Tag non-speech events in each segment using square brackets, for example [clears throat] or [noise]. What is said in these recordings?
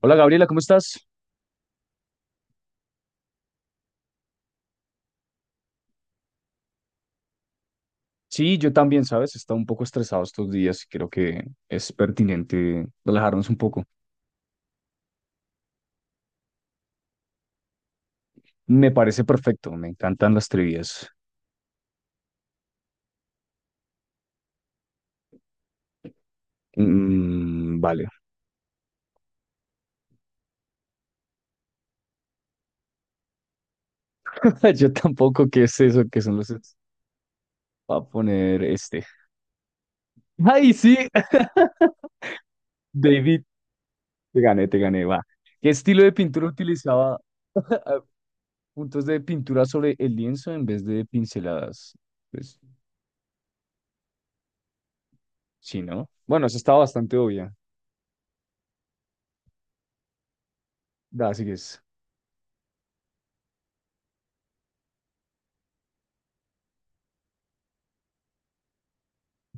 Hola Gabriela, ¿cómo estás? Sí, yo también, ¿sabes? He estado un poco estresado estos días y creo que es pertinente relajarnos un poco. Me parece perfecto, me encantan las trivias. Mm, vale. [laughs] Yo tampoco, ¿qué es eso? ¿Qué son los? Voy a poner este. ¡Ay, sí! [laughs] David, te gané, va. ¿Qué estilo de pintura utilizaba? Ah, Puntos de pintura sobre el lienzo en vez de pinceladas. Pues sí, ¿no? Bueno, eso estaba bastante obvia. Da, así que es.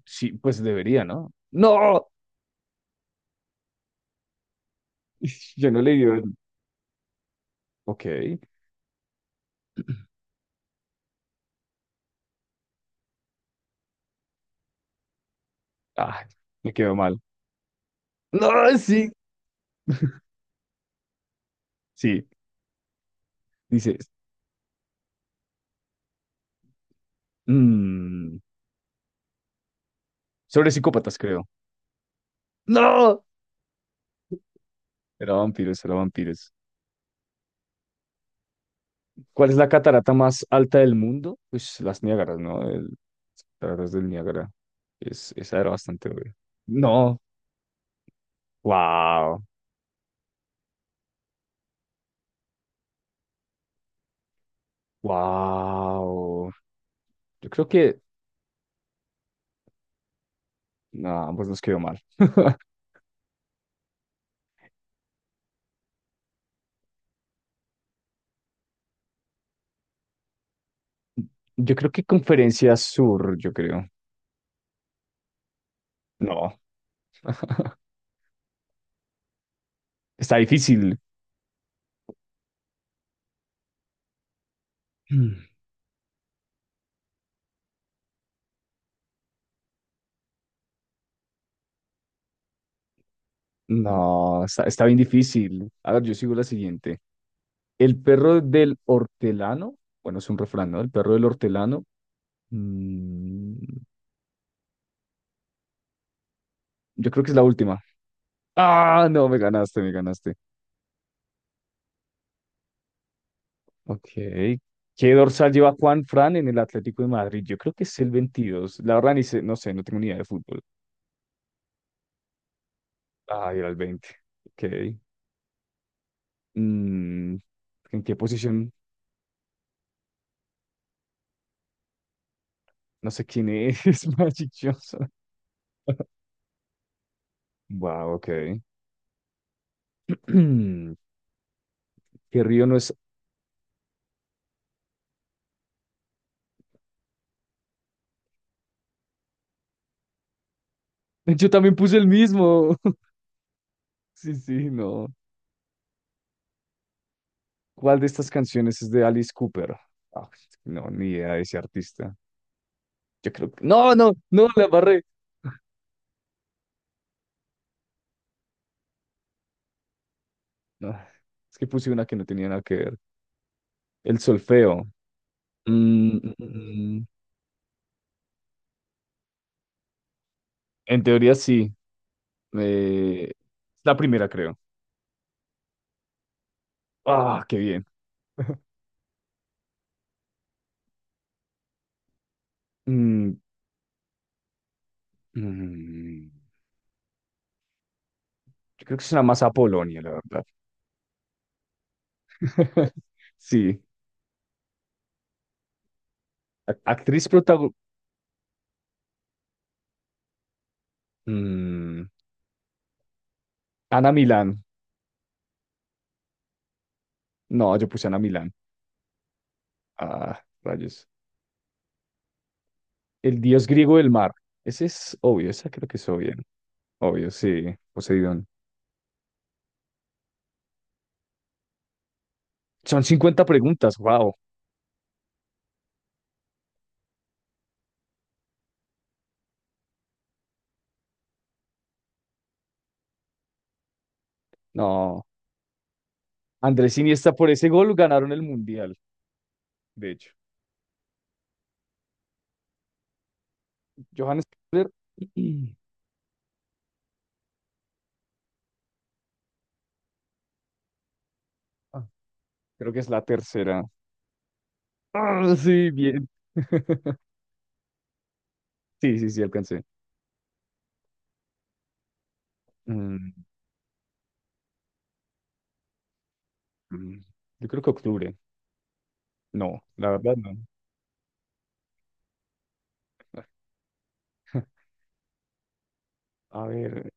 Sí, pues debería, ¿no? ¡No! [laughs] Yo no le el- Ok. Ah, me quedó mal. No, sí. Sí. Dice. mm, sobre psicópatas, creo. No. Era vampiros, era vampiros. ¿Cuál es la catarata más alta del mundo? Pues las Niágaras, ¿no? Las cataratas del Niágara. Esa era bastante obvia. No. Wow. Wow. Yo creo que. No, pues nos quedó mal. [laughs] Yo creo que Conferencia Sur, yo creo. No. Está difícil. [clears throat] No, está bien difícil. A ver, yo sigo la siguiente. El perro del hortelano, bueno, es un refrán, ¿no? El perro del hortelano. mm, yo creo que es la última. Ah, no, me ganaste, me ganaste. Ok. ¿Qué dorsal lleva Juan Fran en el Atlético de Madrid? Yo creo que es el 22. La verdad, ni sé, no sé, no tengo ni idea de fútbol. Ah, era el 20. Ok. Mm, ¿En qué posición? No sé quién es [laughs] Magic Johnson. Wow, ok. [clears throat] ¿Qué río no es? [laughs] Yo también puse el mismo. [laughs] Sí, sí, no. ¿Cuál de estas canciones es de Alice Cooper? Ah, no, ni idea de ese artista. No, no, no, la barré. [laughs] No, es que puse una que no tenía nada que ver. El solfeo. Mm, mm, mm. Mm. En teoría sí. Eh, la primera, creo. Ah, qué bien. [laughs] Mm, mm. Yo creo que es una más a Polonia, la verdad. [laughs] Sí. Actriz protagonista. Ana Milán. No, yo puse Ana Milán. Ah, rayos. El dios griego del mar. Ese es obvio, esa creo que es obvio. Obvio, sí, Poseidón. Son 50 preguntas, wow. No, Andrés Iniesta, por ese gol ganaron el Mundial, de hecho. Johannes Kepler. [clears throat] ah, Creo que es la tercera. Ah, sí, bien. [laughs] Sí, sí, sí, alcancé. Mm, mm, Yo creo que octubre. No, la verdad no. [laughs] A ver.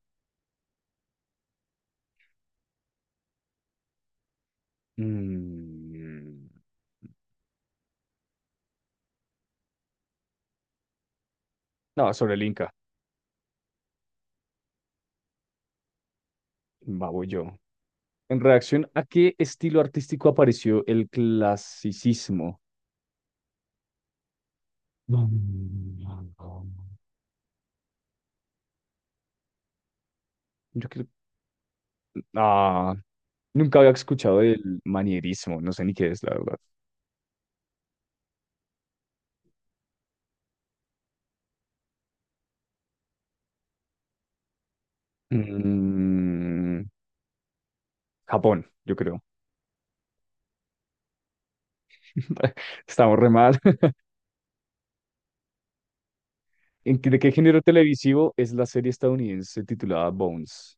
mm, No, sobre el Inca. Vamos yo. ¿En reacción a qué estilo artístico apareció el clasicismo? Yo creo. Ah, nunca había escuchado del manierismo, no sé ni qué es, la verdad. Mm, Japón, yo creo. [laughs] Estamos re mal. [laughs] ¿De qué género televisivo es la serie estadounidense titulada Bones?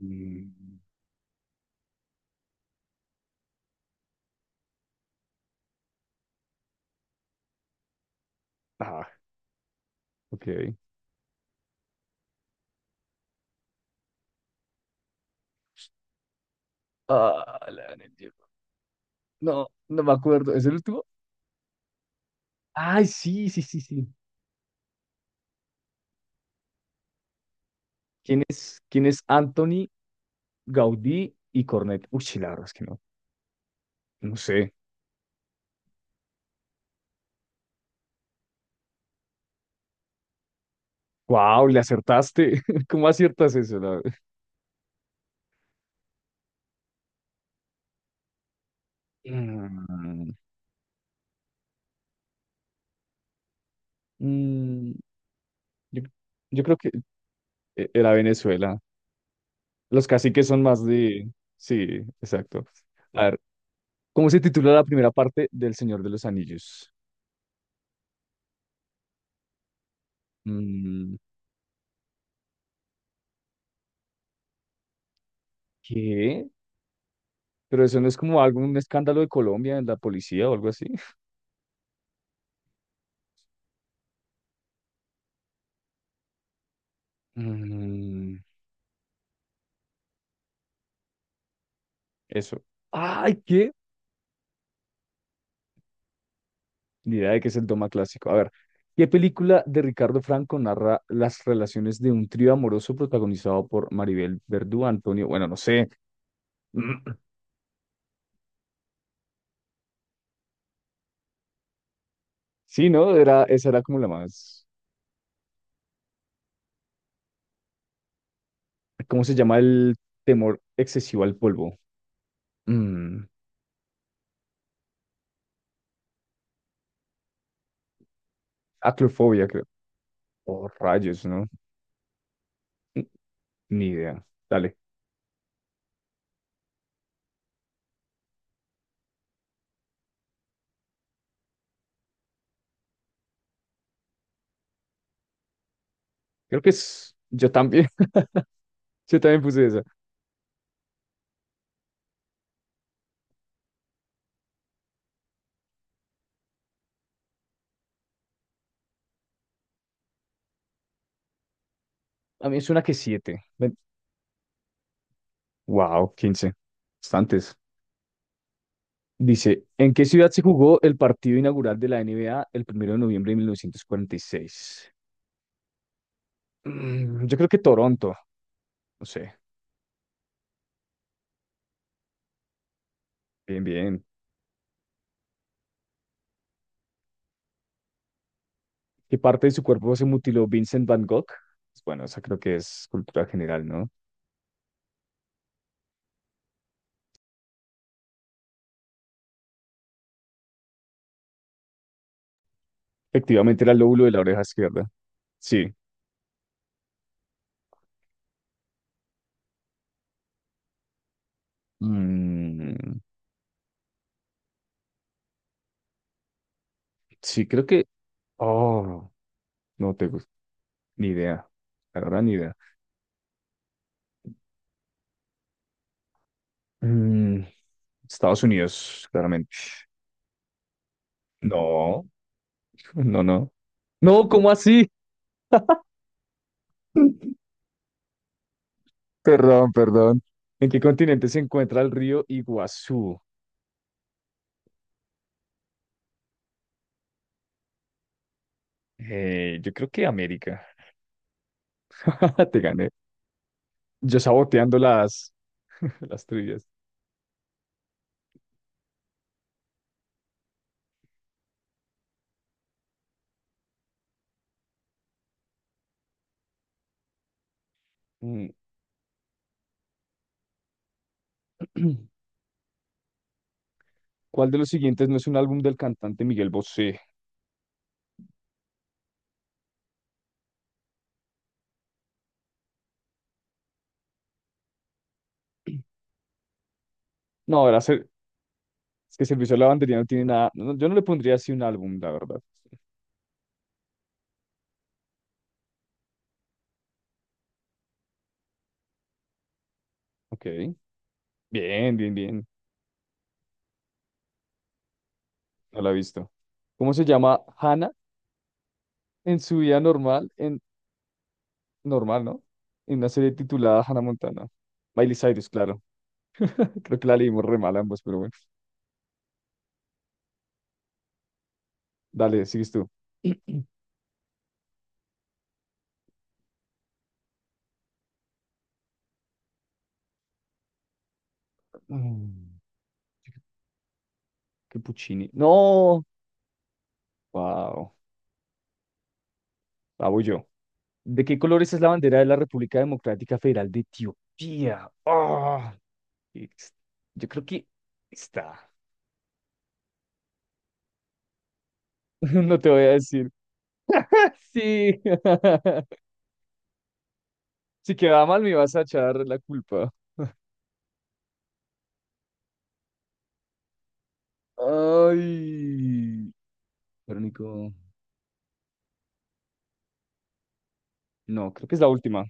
Mm, ah, ok. Ah, no, no me acuerdo. ¿Es el último? Ay, sí, sí, sí, sí. ¿Quién es Anthony Gaudí y Cornet? Uy, sí, la verdad es que no, no sé. ¡Wow! Le acertaste. [laughs] ¿Cómo aciertas eso? Mm, mm, yo, yo creo que era Venezuela. Los caciques son más de. Sí, exacto. A ver, ¿cómo se titula la primera parte del Señor de los Anillos? Mm, ¿Qué? Pero eso no es como algún escándalo de Colombia en la policía o algo así. [laughs] Mm, eso. ¡Ay, qué! Ni idea de qué es el doma clásico. A ver, ¿qué película de Ricardo Franco narra las relaciones de un trío amoroso protagonizado por Maribel Verdú, Antonio? Bueno, no sé. [clears throat] Sí, ¿no? Esa era como la más. ¿Cómo se llama el temor excesivo al polvo? Mm, aclofobia, creo. Oh, rayos, ¿no? Mm, ni idea. Dale. Creo que es. Yo también. [laughs] Yo también puse esa. A mí es una que siete. Ven. Wow, 15, bastantes. Dice, ¿en qué ciudad se jugó el partido inaugural de la N B A el 1 de noviembre de 1946? Yo creo que Toronto, no sé. Bien, bien. ¿Qué parte de su cuerpo se mutiló Vincent Van Gogh? Pues bueno, esa creo que es cultura general, ¿no? Efectivamente era el lóbulo de la oreja izquierda. Sí. Mm, sí, creo que. Oh, no tengo ni idea. La verdad, ni idea. Mm, Estados Unidos, claramente. No, [laughs] no, no. No, ¿cómo así? [laughs] Perdón, perdón. ¿En qué continente se encuentra el río Iguazú? Yo creo que América. [laughs] Te gané. Yo saboteando las, [laughs] las trivias. Mm. [clears throat] ¿Cuál de los siguientes no es un álbum del cantante Miguel Bosé? No, es que Servicio a la Bandería no tiene nada. No, yo no le pondría así un álbum, la verdad. Ok. Bien, bien, bien. No la he visto. ¿Cómo se llama Hannah en su vida normal? Normal, ¿no? En una serie titulada Hannah Montana. Miley Cyrus, claro. [laughs] Creo que la leímos re mal ambos, pero bueno. Dale, sigues tú. [clears throat] Mm, Qué Puccini, no. Wow. La voy yo. ¿De qué colores es la bandera de la República Democrática Federal de Etiopía? Ex- yo creo que está. [laughs] No te voy a decir. [laughs] Sí. [laughs] Si quedaba mal, me vas a echar la culpa. Ay. Verónico. No, creo que es la última.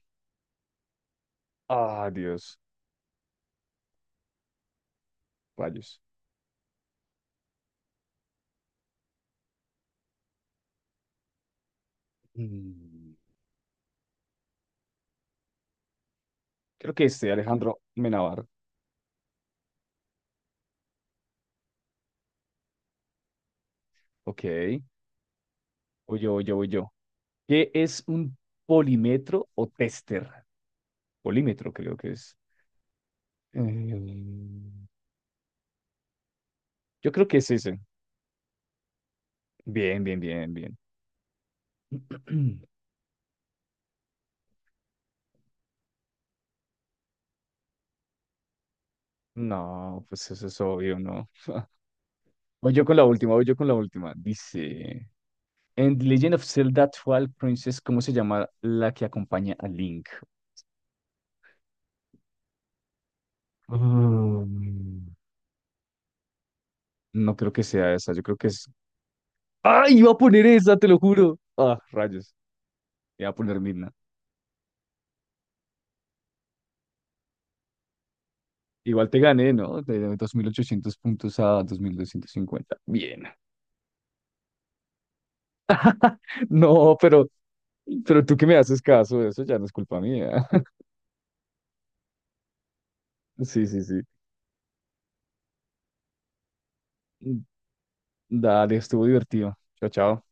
Ah, Dios. Rayos. Mm, Creo que este, Alejandro Menabar. Ok, voy yo, voy yo, voy yo. ¿Qué es un polímetro o tester? Polímetro creo que es. Mm, Yo creo que es ese. Bien, bien, bien, bien. [clears throat] No, pues eso es obvio, ¿no? Voy yo con la última, voy yo con la última. Dice, en The Legend of Zelda Twilight Princess, ¿cómo se llama la que acompaña a Link? Mm, No creo que sea esa, yo creo que es. ¡Ay, iba a poner esa, te lo juro! Ah, rayos, iba a poner Midna. Igual te gané, ¿no? De 2.800 puntos a 2.250. Bien. [laughs] No, pero tú que me haces caso, eso ya no es culpa mía. [laughs] Sí, sí, sí. Dale, estuvo divertido. Chao, chao.